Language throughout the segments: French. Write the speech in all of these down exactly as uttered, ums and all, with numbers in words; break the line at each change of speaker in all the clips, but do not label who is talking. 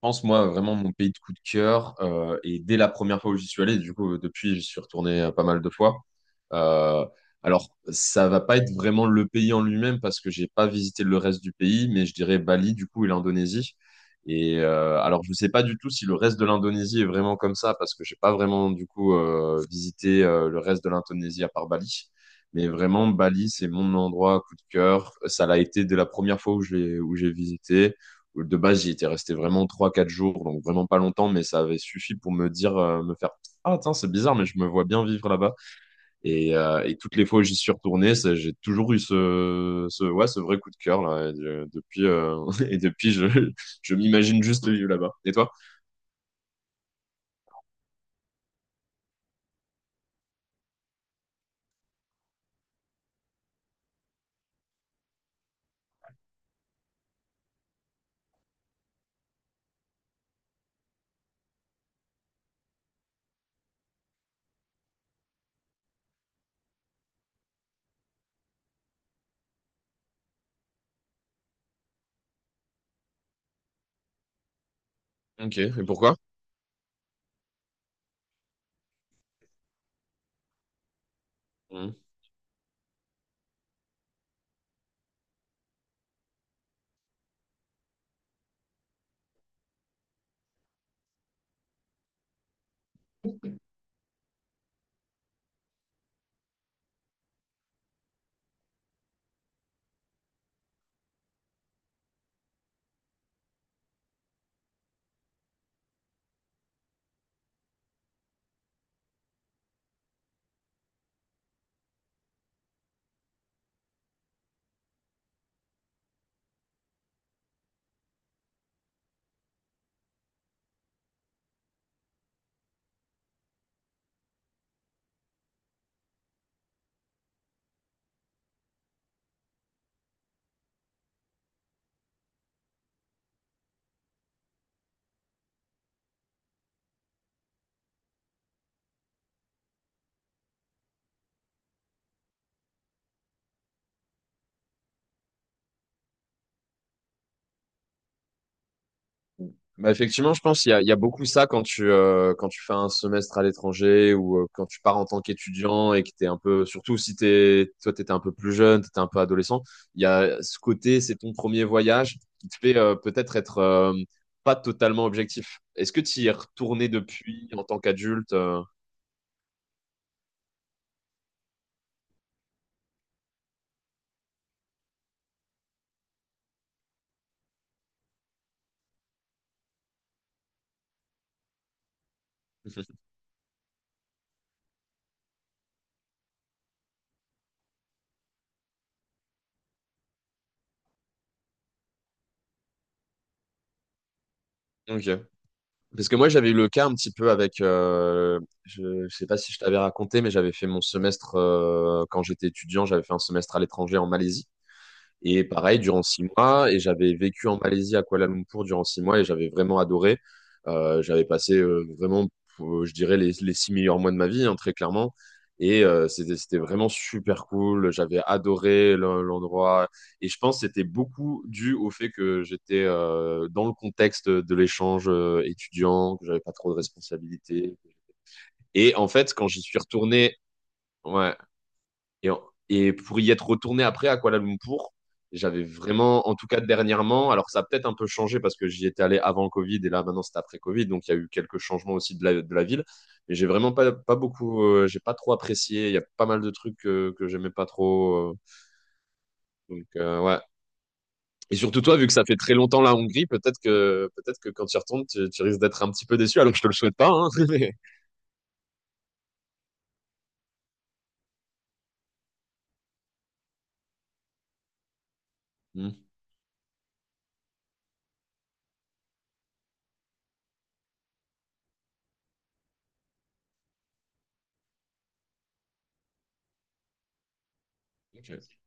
Pense, moi, vraiment, mon pays de coup de cœur, euh, et dès la première fois où j'y suis allé, du coup, euh, depuis, j'y suis retourné euh, pas mal de fois. Euh, alors, ça va pas être vraiment le pays en lui-même parce que j'ai pas visité le reste du pays, mais je dirais Bali, du coup, et l'Indonésie. Et euh, alors, je sais pas du tout si le reste de l'Indonésie est vraiment comme ça parce que j'ai pas vraiment, du coup, euh, visité euh, le reste de l'Indonésie à part Bali. Mais vraiment, Bali, c'est mon endroit coup de cœur. Ça l'a été dès la première fois où j'ai où j'ai visité. De base, j'y étais resté vraiment trois quatre jours, donc vraiment pas longtemps, mais ça avait suffi pour me dire, euh, me faire : « Ah, tiens, c'est bizarre, mais je me vois bien vivre là-bas. » Et, euh, et toutes les fois où j'y suis retourné, ça- j'ai toujours eu ce, ce, ouais, ce vrai coup de cœur, là. Et, euh, depuis, euh, et depuis, je, je m'imagine juste vivre là-bas. Et toi? OK, et pourquoi? Bah, effectivement, je pense qu'il y a, il y a beaucoup ça quand tu, euh, quand tu fais un semestre à l'étranger ou euh, quand tu pars en tant qu'étudiant et que t'es un peu, surtout si t'es, toi, t'étais un peu plus jeune, t'étais un peu adolescent, il y a ce côté, c'est ton premier voyage qui te fait euh, peut-être être, euh, pas totalement objectif. Est-ce que tu y es retourné depuis en tant qu'adulte? euh OK. Parce que moi, j'avais eu le cas un petit peu avec, euh, je, je sais pas si je t'avais raconté, mais j'avais fait mon semestre euh, quand j'étais étudiant, j'avais fait un semestre à l'étranger en Malaisie. Et pareil, durant six mois, et j'avais vécu en Malaisie à Kuala Lumpur durant six mois et j'avais vraiment adoré. Euh, j'avais passé euh, vraiment, euh, je dirais, les, les six meilleurs mois de ma vie, hein, très clairement. Et euh, c'était, c'était vraiment super cool. J'avais adoré l'en- l'endroit. Et je pense que c'était beaucoup dû au fait que j'étais euh, dans le contexte de l'échange euh, étudiant, que j'avais pas trop de responsabilités. Et en fait, quand j'y suis retourné, ouais, et, en- et pour y être retourné après à Kuala Lumpur, j'avais vraiment, en tout cas dernièrement, alors ça a peut-être un peu changé parce que j'y étais allé avant le Covid et là maintenant c'est après Covid, donc il y a eu quelques changements aussi de la, de la ville. Mais j'ai vraiment pas, pas beaucoup, euh, j'ai pas trop apprécié. Il y a pas mal de trucs euh, que j'aimais pas trop. Euh, donc euh, ouais. Et surtout toi, vu que ça fait très longtemps la Hongrie, peut-être que peut-être que quand tu y retournes, tu, tu risques d'être un petit peu déçu, alors que je te le souhaite pas, hein. Mais- Hmm. OK.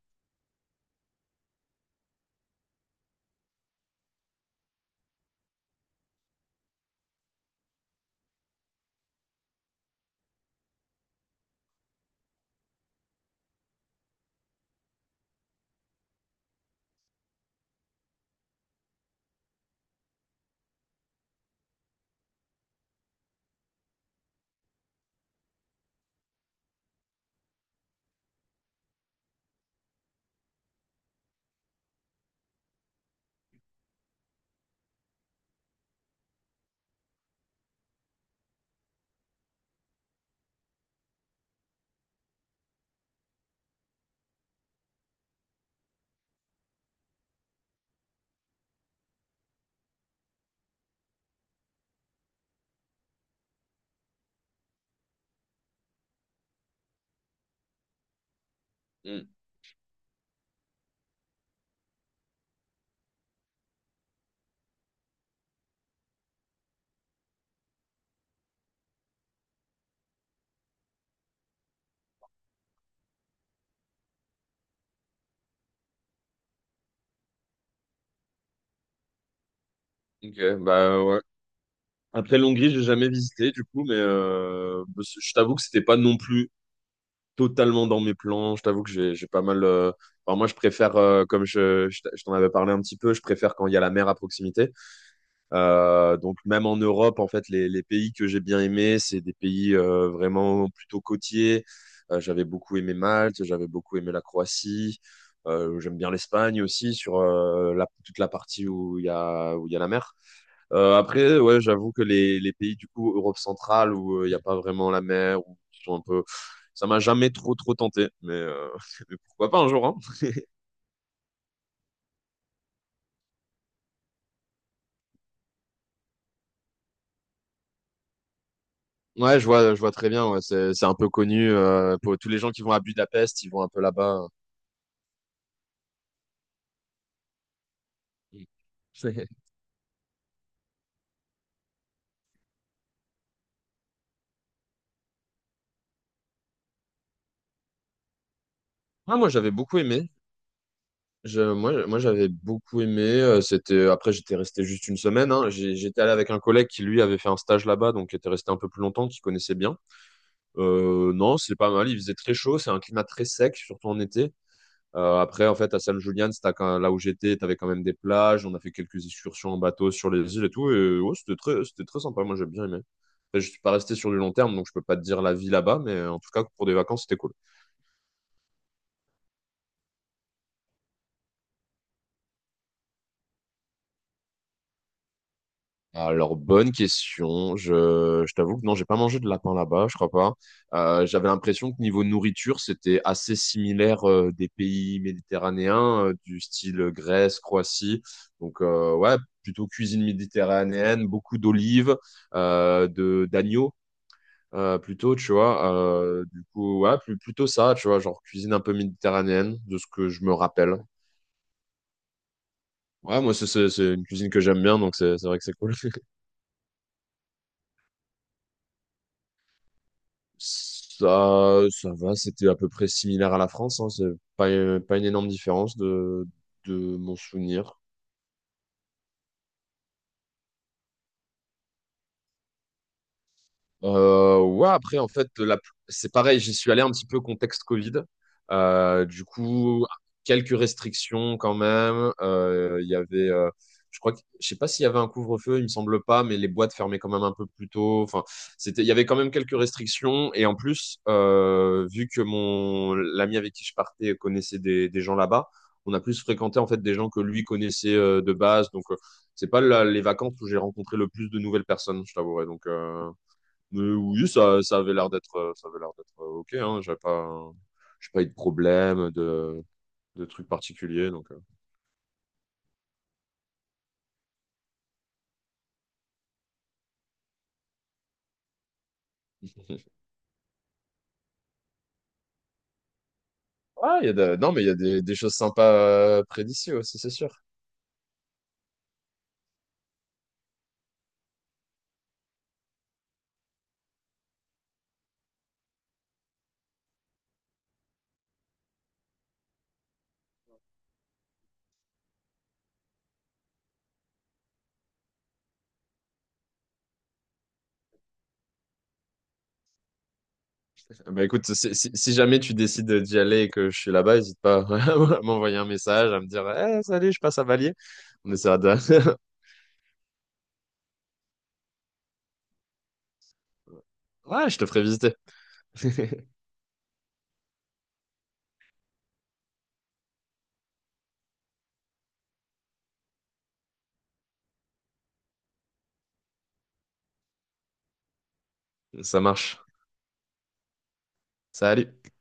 Hmm. OK, bah ouais. Après l'Hongrie, j'ai jamais visité du coup, mais euh, je t'avoue que c'était pas non plus totalement dans mes plans. Je t'avoue que j'ai j'ai pas mal. Euh, enfin, moi, je préfère, euh, comme je, je t'a- je t'en avais parlé un petit peu, je préfère quand il y a la mer à proximité. Euh, donc même en Europe, en fait, les, les pays que j'ai bien aimés, c'est des pays euh, vraiment plutôt côtiers. Euh, j'avais beaucoup aimé Malte, j'avais beaucoup aimé la Croatie. Euh, j'aime bien l'Espagne aussi sur euh, la, toute la partie où il y a où il y a la mer. Euh, après, ouais, j'avoue que les, les pays du coup Europe centrale où il n'y a pas vraiment la mer ou qui sont un peu, ça m'a jamais trop trop tenté, mais, euh, mais pourquoi pas un jour, hein. Ouais, je vois, je vois très bien. Ouais, c'est c'est un peu connu euh, pour tous les gens qui vont à Budapest, ils vont un peu là-bas. C'est- Ah, moi j'avais beaucoup aimé. Je, moi, moi j'avais beaucoup aimé. Euh, C'était après j'étais resté juste une semaine. Hein. J'ai- J'étais allé avec un collègue qui lui avait fait un stage là-bas, donc qui était resté un peu plus longtemps, qui connaissait bien. Euh, non, c'est pas mal. Il faisait très chaud. C'est un climat très sec, surtout en été. Euh, après, en fait, à San Julian, c'était quand- là où j'étais, tu avais quand même des plages. On a fait quelques excursions en bateau sur les îles et tout. Et ouais, c'était très, c'était très sympa. Moi, j'ai bien aimé. Après, Je suis pas resté sur du long terme, donc je peux pas te dire la vie là-bas, mais en tout cas, pour des vacances, c'était cool. Alors, bonne question. Je, je t'avoue que non, j'ai pas mangé de lapin là-bas, je crois pas. Euh, j'avais l'impression que niveau nourriture, c'était assez similaire euh, des pays méditerranéens, euh, du style Grèce, Croatie. Donc, euh, ouais, plutôt cuisine méditerranéenne, beaucoup d'olives, euh, de d'agneaux, euh, plutôt, tu vois. Euh, du coup, ouais, plus- plutôt ça, tu vois, genre cuisine un peu méditerranéenne, de ce que je me rappelle. Ouais, moi, c'est c'est- c'est une cuisine que j'aime bien, donc c'est c'est vrai que c'est cool. Ça, ça va, c'était à peu près similaire à la France, hein. C'est pas, pas une énorme différence de, de mon souvenir. Euh, ouais, après, en fait, la pl- c'est pareil, j'y suis allé un petit peu contexte Covid. Euh, du coup, quelques restrictions quand même. Euh, Il y avait, euh, je crois que, je sais pas s'il y avait un couvre-feu, il me semble pas, mais les boîtes fermaient quand même un peu plus tôt. Enfin, c'était, il y avait quand même quelques restrictions. Et en plus, euh, vu que mon, l'ami avec qui je partais connaissait des, des gens là-bas, on a plus fréquenté en fait des gens que lui connaissait euh, de base. Donc, euh, c'est pas la- les vacances où j'ai rencontré le plus de nouvelles personnes, je t'avouerai. Donc, euh, mais oui, ça, ça avait l'air d'être, ça avait l'air d'être euh, OK, hein. J'avais pas, j'ai pas eu de problème, de, de trucs particuliers, donc. euh. Ah, il y a de- non, mais il y a des, des choses sympas euh, près d'ici aussi, c'est sûr. Bah écoute, si, si- si jamais tu décides d'y aller et que je suis là-bas, n'hésite pas à m'envoyer un message, à me dire, eh, salut, je passe à Valier. On essaiera de. Ouais, je te ferai visiter. Ça marche. Salut.